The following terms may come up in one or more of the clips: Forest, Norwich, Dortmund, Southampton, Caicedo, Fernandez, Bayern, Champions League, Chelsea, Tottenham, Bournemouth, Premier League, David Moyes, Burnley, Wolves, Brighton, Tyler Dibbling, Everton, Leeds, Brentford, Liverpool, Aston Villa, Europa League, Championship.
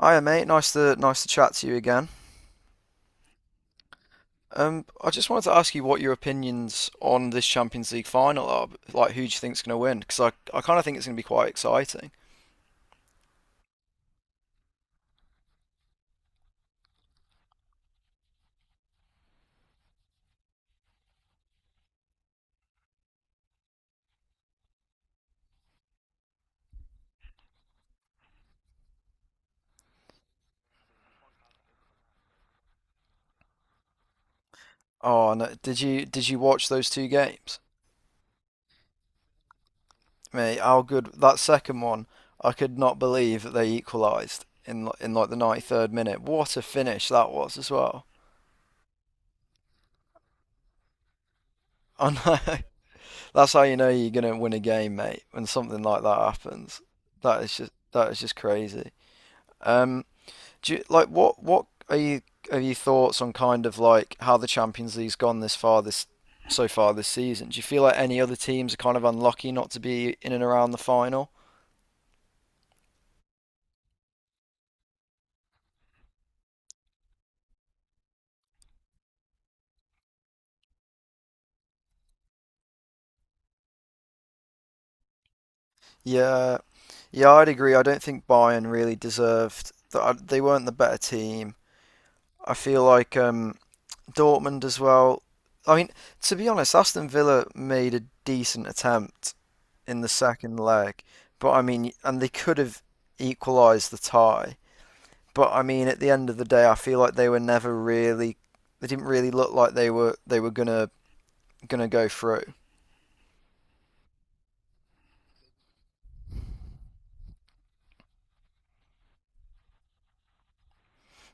Hiya, mate. Nice to chat to you again. I just wanted to ask you what your opinions on this Champions League final are. Like, who do you think's going to win? Because I kind of think it's going to be quite exciting. Oh, no, did you watch those two games, mate? How good that second one! I could not believe that they equalised in like the 93rd minute. What a finish that was as well. I know. That's how you know you're going to win a game, mate, when something like that happens. That is just crazy. Um, Do you, like What are your thoughts on kind of like how the Champions League's gone this far this so far this season? Do you feel like any other teams are kind of unlucky not to be in and around the final? Yeah, yeah, I'd agree. I don't think Bayern really deserved that. They weren't the better team. I feel like Dortmund as well. I mean, to be honest, Aston Villa made a decent attempt in the second leg, but I mean, and they could have equalised the tie. But I mean, at the end of the day, I feel like they were never really. They didn't really look like they were gonna go through.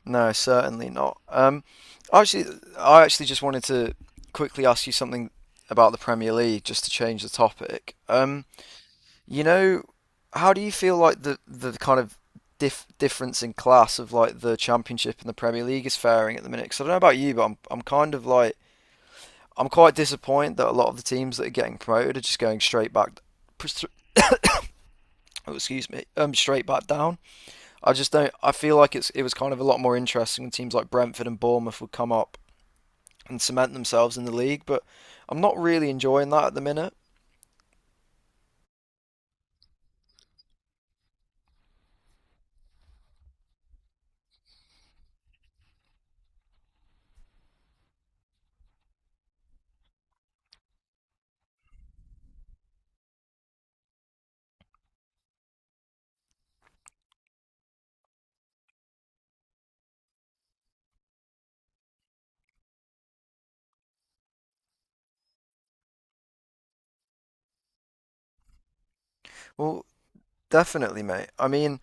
No, certainly not. Actually, I actually just wanted to quickly ask you something about the Premier League, just to change the topic. You know, how do you feel like the kind of difference in class of like the Championship and the Premier League is faring at the minute? Because I don't know about you, but I'm kind of like I'm quite disappointed that a lot of the teams that are getting promoted are just going straight back straight back down. I just don't. I feel like it was kind of a lot more interesting when teams like Brentford and Bournemouth would come up and cement themselves in the league. But I'm not really enjoying that at the minute. Well, definitely, mate. I mean,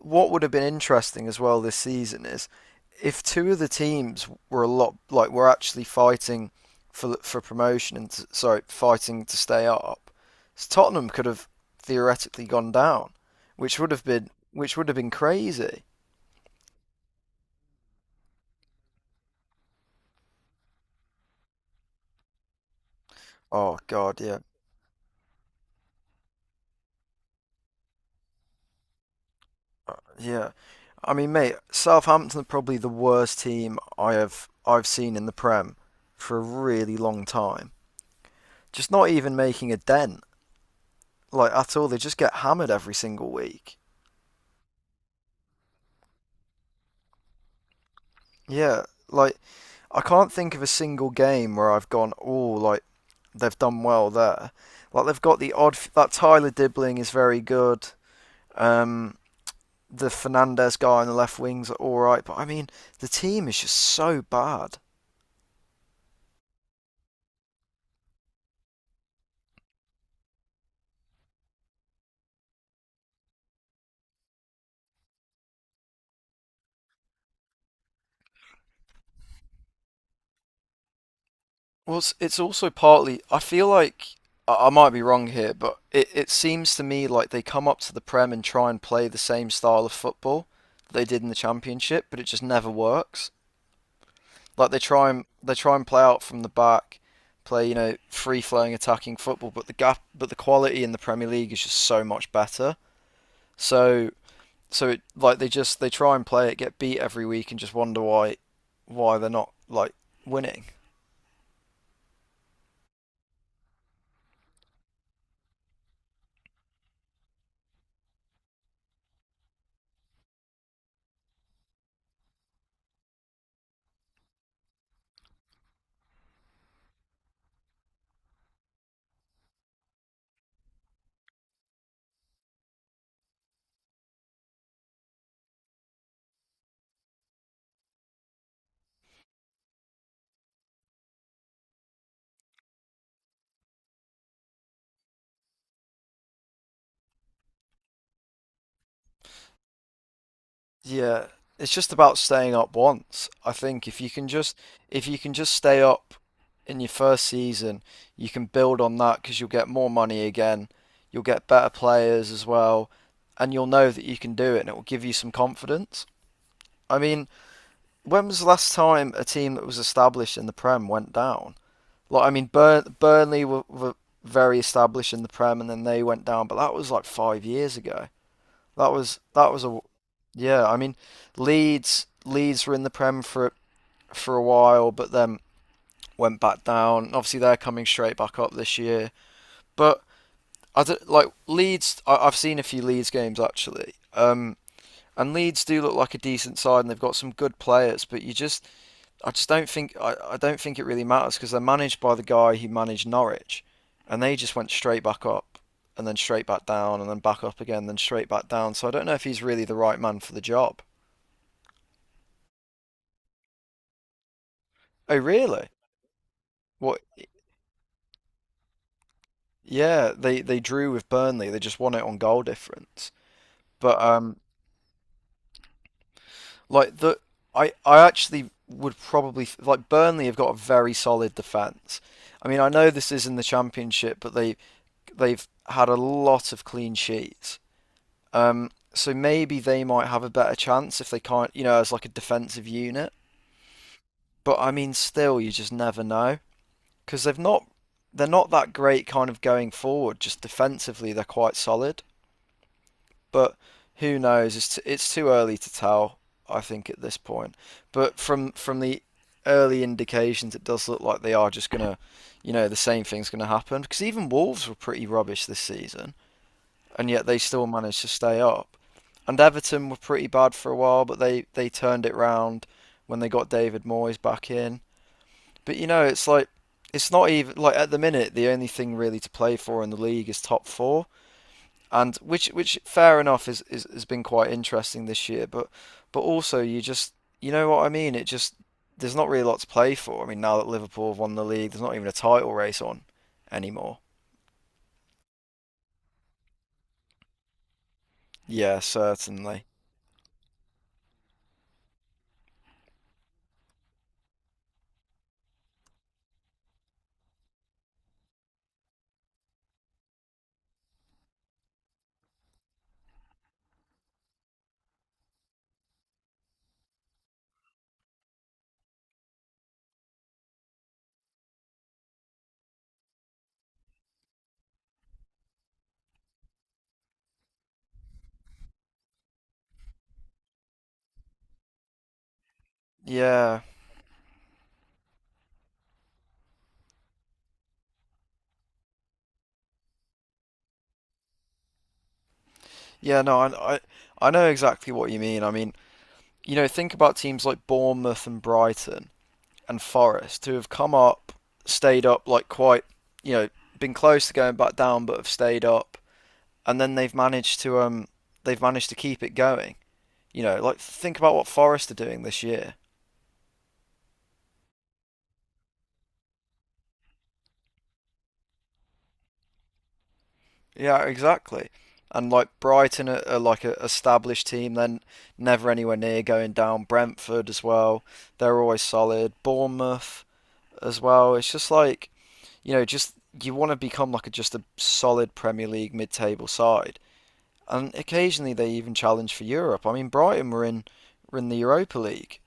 what would have been interesting as well this season is if two of the teams were a lot like were actually fighting for promotion and to, sorry, fighting to stay up. So Tottenham could have theoretically gone down, which would have been crazy. Oh God, yeah, yeah. I mean, mate, Southampton are probably the worst team I've seen in the Prem for a really long time. Just not even making a dent, like at all. They just get hammered every single week. Yeah, like I can't think of a single game where I've gone, oh, like they've done well there. Like they've got the odd that Tyler Dibbling is very good. Um, the Fernandez guy on the left wings are all right, but I mean, the team is just so bad. It's also partly. I feel like I might be wrong here, but it seems to me like they come up to the Prem and try and play the same style of football that they did in the Championship, but it just never works. Like they try and play out from the back, play you know free flowing attacking football, but the quality in the Premier League is just so much better. So so it, like they just they try and play it, get beat every week, and just wonder why they're not like winning. Yeah, it's just about staying up once. I think if you can just if you can just stay up in your first season, you can build on that because you'll get more money again. You'll get better players as well, and you'll know that you can do it, and it will give you some confidence. I mean, when was the last time a team that was established in the Prem went down? Like, I mean, Burnley were very established in the Prem, and then they went down, but that was like 5 years ago. That was a yeah, I mean, Leeds were in the Prem for a while, but then went back down. Obviously, they're coming straight back up this year. But I don't, like Leeds. I've seen a few Leeds games actually, and Leeds do look like a decent side, and they've got some good players. I just don't think I don't think it really matters because they're managed by the guy who managed Norwich, and they just went straight back up, and then straight back down, and then back up again, then straight back down. So I don't know if he's really the right man for the job. Oh, really? What? Yeah, they drew with Burnley. They just won it on goal difference. But like the I actually would probably like Burnley have got a very solid defense. I mean, I know this is in the championship, but they've had a lot of clean sheets. So maybe they might have a better chance if they can't, you know, as like a defensive unit. But I mean, still, you just never know because they're not that great kind of going forward. Just defensively, they're quite solid. But who knows? It's too early to tell. I think at this point, but from the early indications, it does look like they are just gonna, you know, the same thing's gonna happen. Because even Wolves were pretty rubbish this season, and yet they still managed to stay up. And Everton were pretty bad for a while, but they turned it round when they got David Moyes back in. But you know, it's like it's not even like at the minute the only thing really to play for in the league is top four and which fair enough is has been quite interesting this year, but also you just you know what I mean. It just there's not really a lot to play for. I mean, now that Liverpool have won the league, there's not even a title race on anymore. Yeah, certainly. Yeah, yeah. No, I know exactly what you mean. I mean, you know, think about teams like Bournemouth and Brighton and Forest who have come up, stayed up like quite you know been close to going back down, but have stayed up and then they've managed to keep it going. You know, like think about what Forest are doing this year. Yeah, exactly. And like Brighton are like an established team, then never anywhere near going down. Brentford as well, they're always solid. Bournemouth as well. It's just like you know, just you want to become like just a solid Premier League mid-table side, and occasionally they even challenge for Europe. I mean, Brighton were in the Europa League.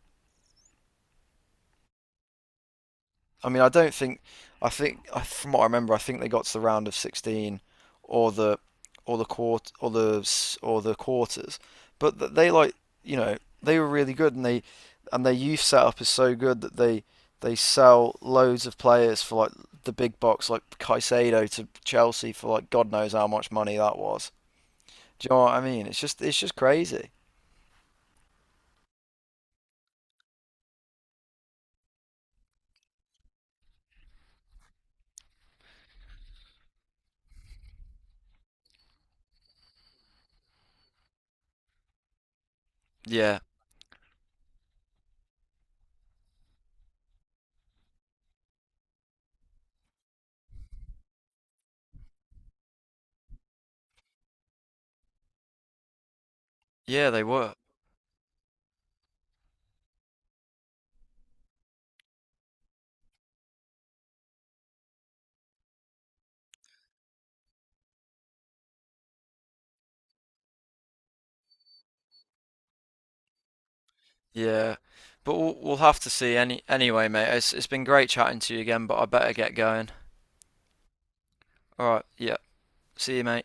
I mean, I don't think. I think from what I remember, I think they got to the round of 16 or the or the quarters. But they like you know they were really good, and they and their youth setup is so good that they sell loads of players for like the big box, like Caicedo to Chelsea for like God knows how much money that was. Do you know what I mean? It's just crazy. Yeah. Yeah, they were. Yeah, but we'll have to see. Anyway, mate. It's been great chatting to you again, but I better get going. All right. Yeah. See you, mate.